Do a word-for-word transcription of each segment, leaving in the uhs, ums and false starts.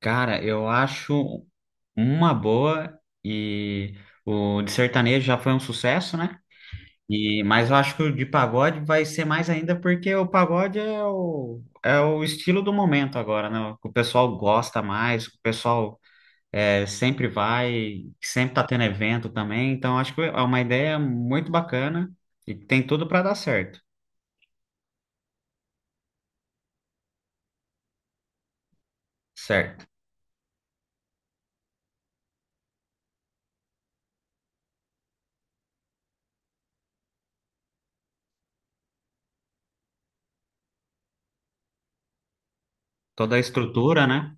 Cara, eu acho uma boa. E o de sertanejo já foi um sucesso, né? E, mas eu acho que o de pagode vai ser mais ainda, porque o pagode é o, é o estilo do momento agora, né? O que o pessoal gosta mais, o pessoal é, sempre vai, sempre tá tendo evento também. Então acho que é uma ideia muito bacana e que tem tudo para dar certo, certo? Toda a estrutura, né?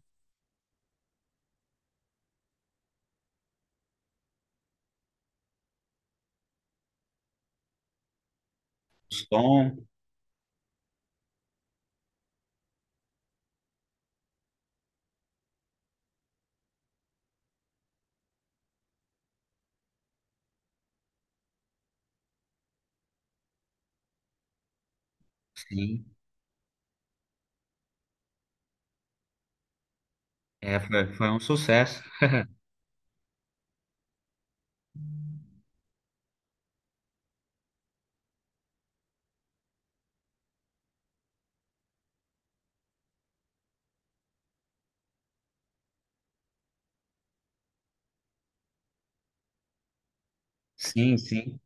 O som, sim, é, foi, foi um sucesso. Sim, sim.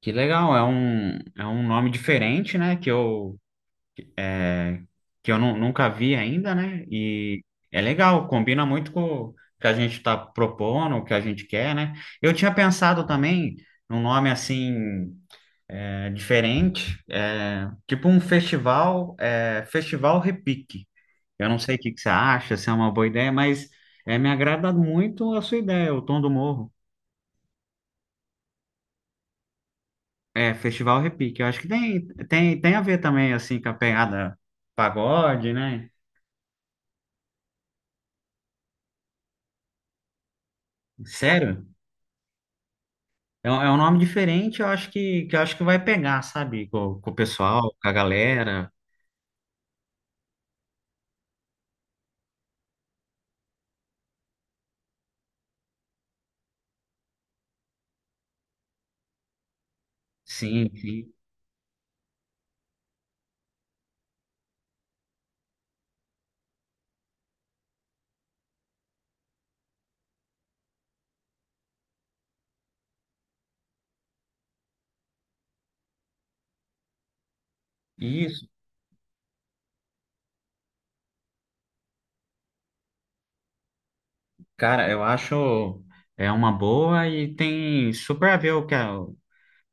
Que legal, é um, é um nome diferente, né? Que eu, é, que eu nu- Nunca vi ainda, né? E é legal, combina muito com o que a gente está propondo, o que a gente quer, né? Eu tinha pensado também num nome assim, é, diferente, é, tipo um festival, é, Festival Repique. Eu não sei o que que você acha, se é uma boa ideia, mas é, me agrada muito a sua ideia, o Tom do Morro. É, Festival Repique. Eu acho que tem, tem, tem a ver também, assim, com a pegada pagode, né? Sério? É, um é um nome diferente, eu acho que, que eu acho que vai pegar, sabe? Com, com o pessoal, com a galera. Sim, sim. Isso. Cara, eu acho, é uma boa e tem super a ver o que a-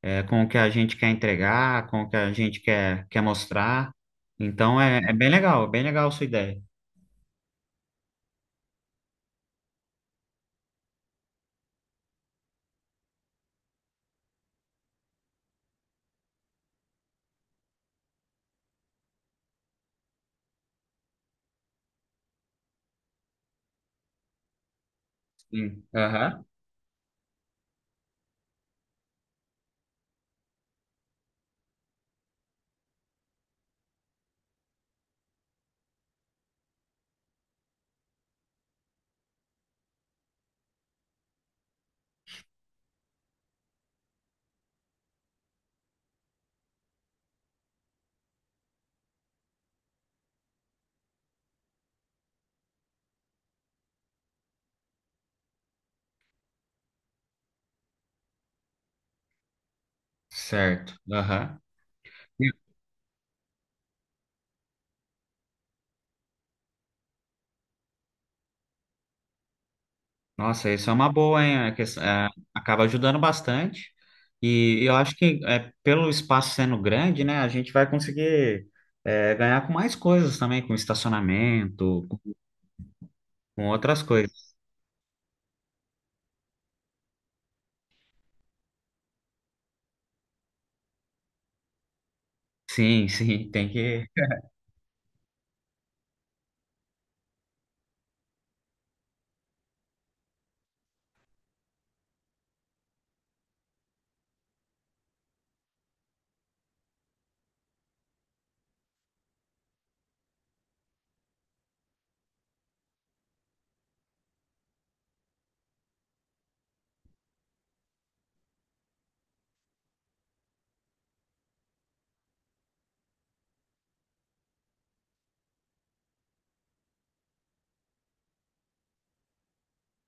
é, com o que a gente quer entregar, com o que a gente quer, quer mostrar. Então é, é bem legal, bem legal a sua ideia. Sim. Aham. Certo. Aham. Nossa, isso é uma boa, hein? É que, é, acaba ajudando bastante. E eu acho que, é, pelo espaço sendo grande, né, a gente vai conseguir é, ganhar com mais coisas também, com estacionamento, com outras coisas. Sim, sim, tem que.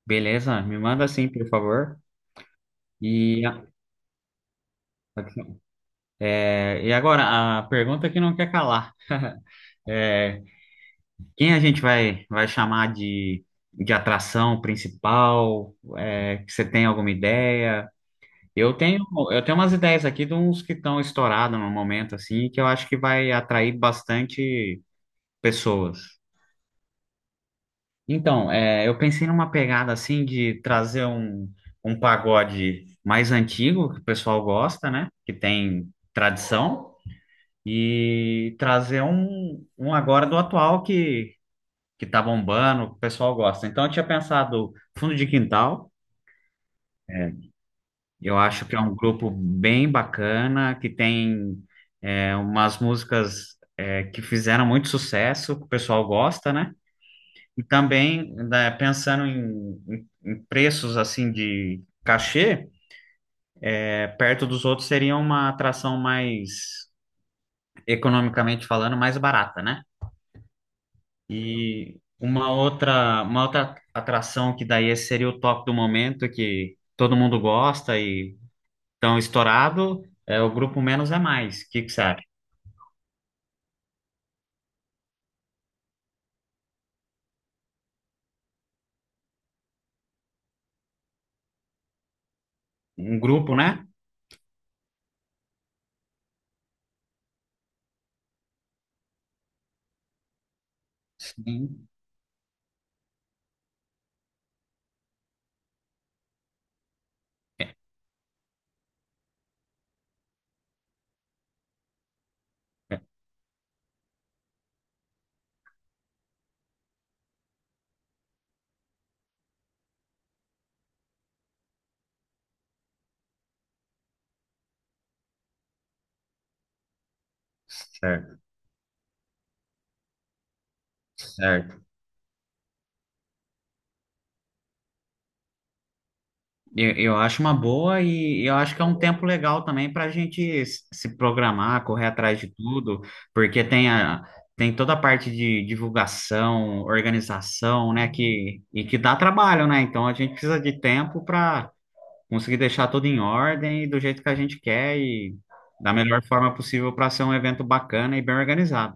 Beleza, me manda assim, por favor. E, a- é, e agora, a pergunta que não quer calar. É, quem a gente vai, vai chamar de, de atração principal? É, que você tem alguma ideia? Eu tenho, eu tenho umas ideias aqui de uns que estão estourados no momento, assim, que eu acho que vai atrair bastante pessoas. Então, é, eu pensei numa pegada, assim, de trazer um, um pagode mais antigo, que o pessoal gosta, né? Que tem tradição, e trazer um, um agora do atual que, que tá bombando, que o pessoal gosta. Então, eu tinha pensado Fundo de Quintal. Eu acho que é um grupo bem bacana, que tem, é, umas músicas, é, que fizeram muito sucesso, que o pessoal gosta, né? E também, né, pensando em, em- em preços assim de cachê, é, perto dos outros seria uma atração mais, economicamente falando, mais barata, né? E uma outra, uma outra atração que daí seria o top do momento, que todo mundo gosta e tão estourado, é o grupo Menos é Mais. O que que você acha? Um grupo, né? Sim. É, é. Certo, certo. Eu, eu acho uma boa e eu acho que é um tempo legal também para a gente s- se programar, correr atrás de tudo, porque tem a, tem toda a parte de divulgação, organização, né, que, e que dá trabalho, né? Então a gente precisa de tempo para conseguir deixar tudo em ordem e do jeito que a gente quer e da melhor forma possível para ser um evento bacana e bem organizado.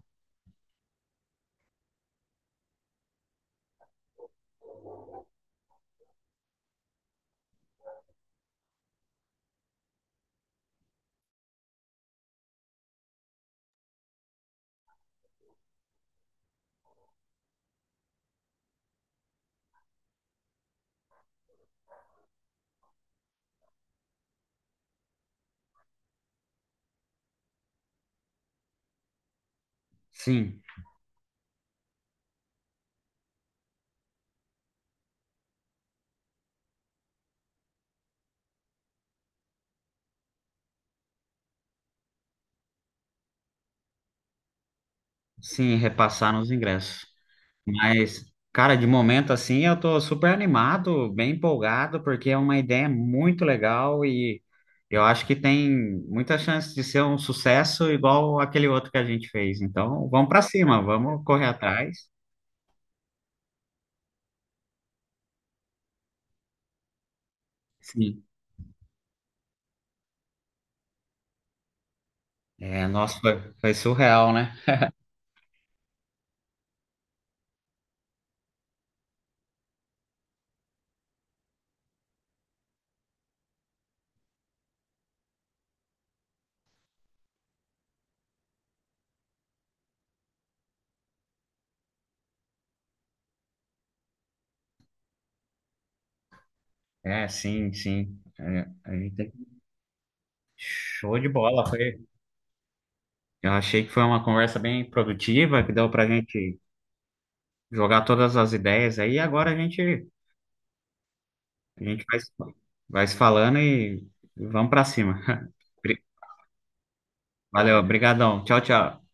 Sim, sim, repassar nos ingressos. Mas, cara, de momento assim, eu tô super animado, bem empolgado, porque é uma ideia muito legal e eu acho que tem muita chance de ser um sucesso igual aquele outro que a gente fez. Então, vamos para cima, vamos correr atrás. Sim. É, nossa, foi, foi surreal, né? É, sim, sim. É, a gente tem- show de bola, foi. Eu achei que foi uma conversa bem produtiva, que deu pra gente jogar todas as ideias aí, agora a gente, a gente vai, se- vai se falando e vamos pra cima. Valeu, obrigadão. Tchau, tchau.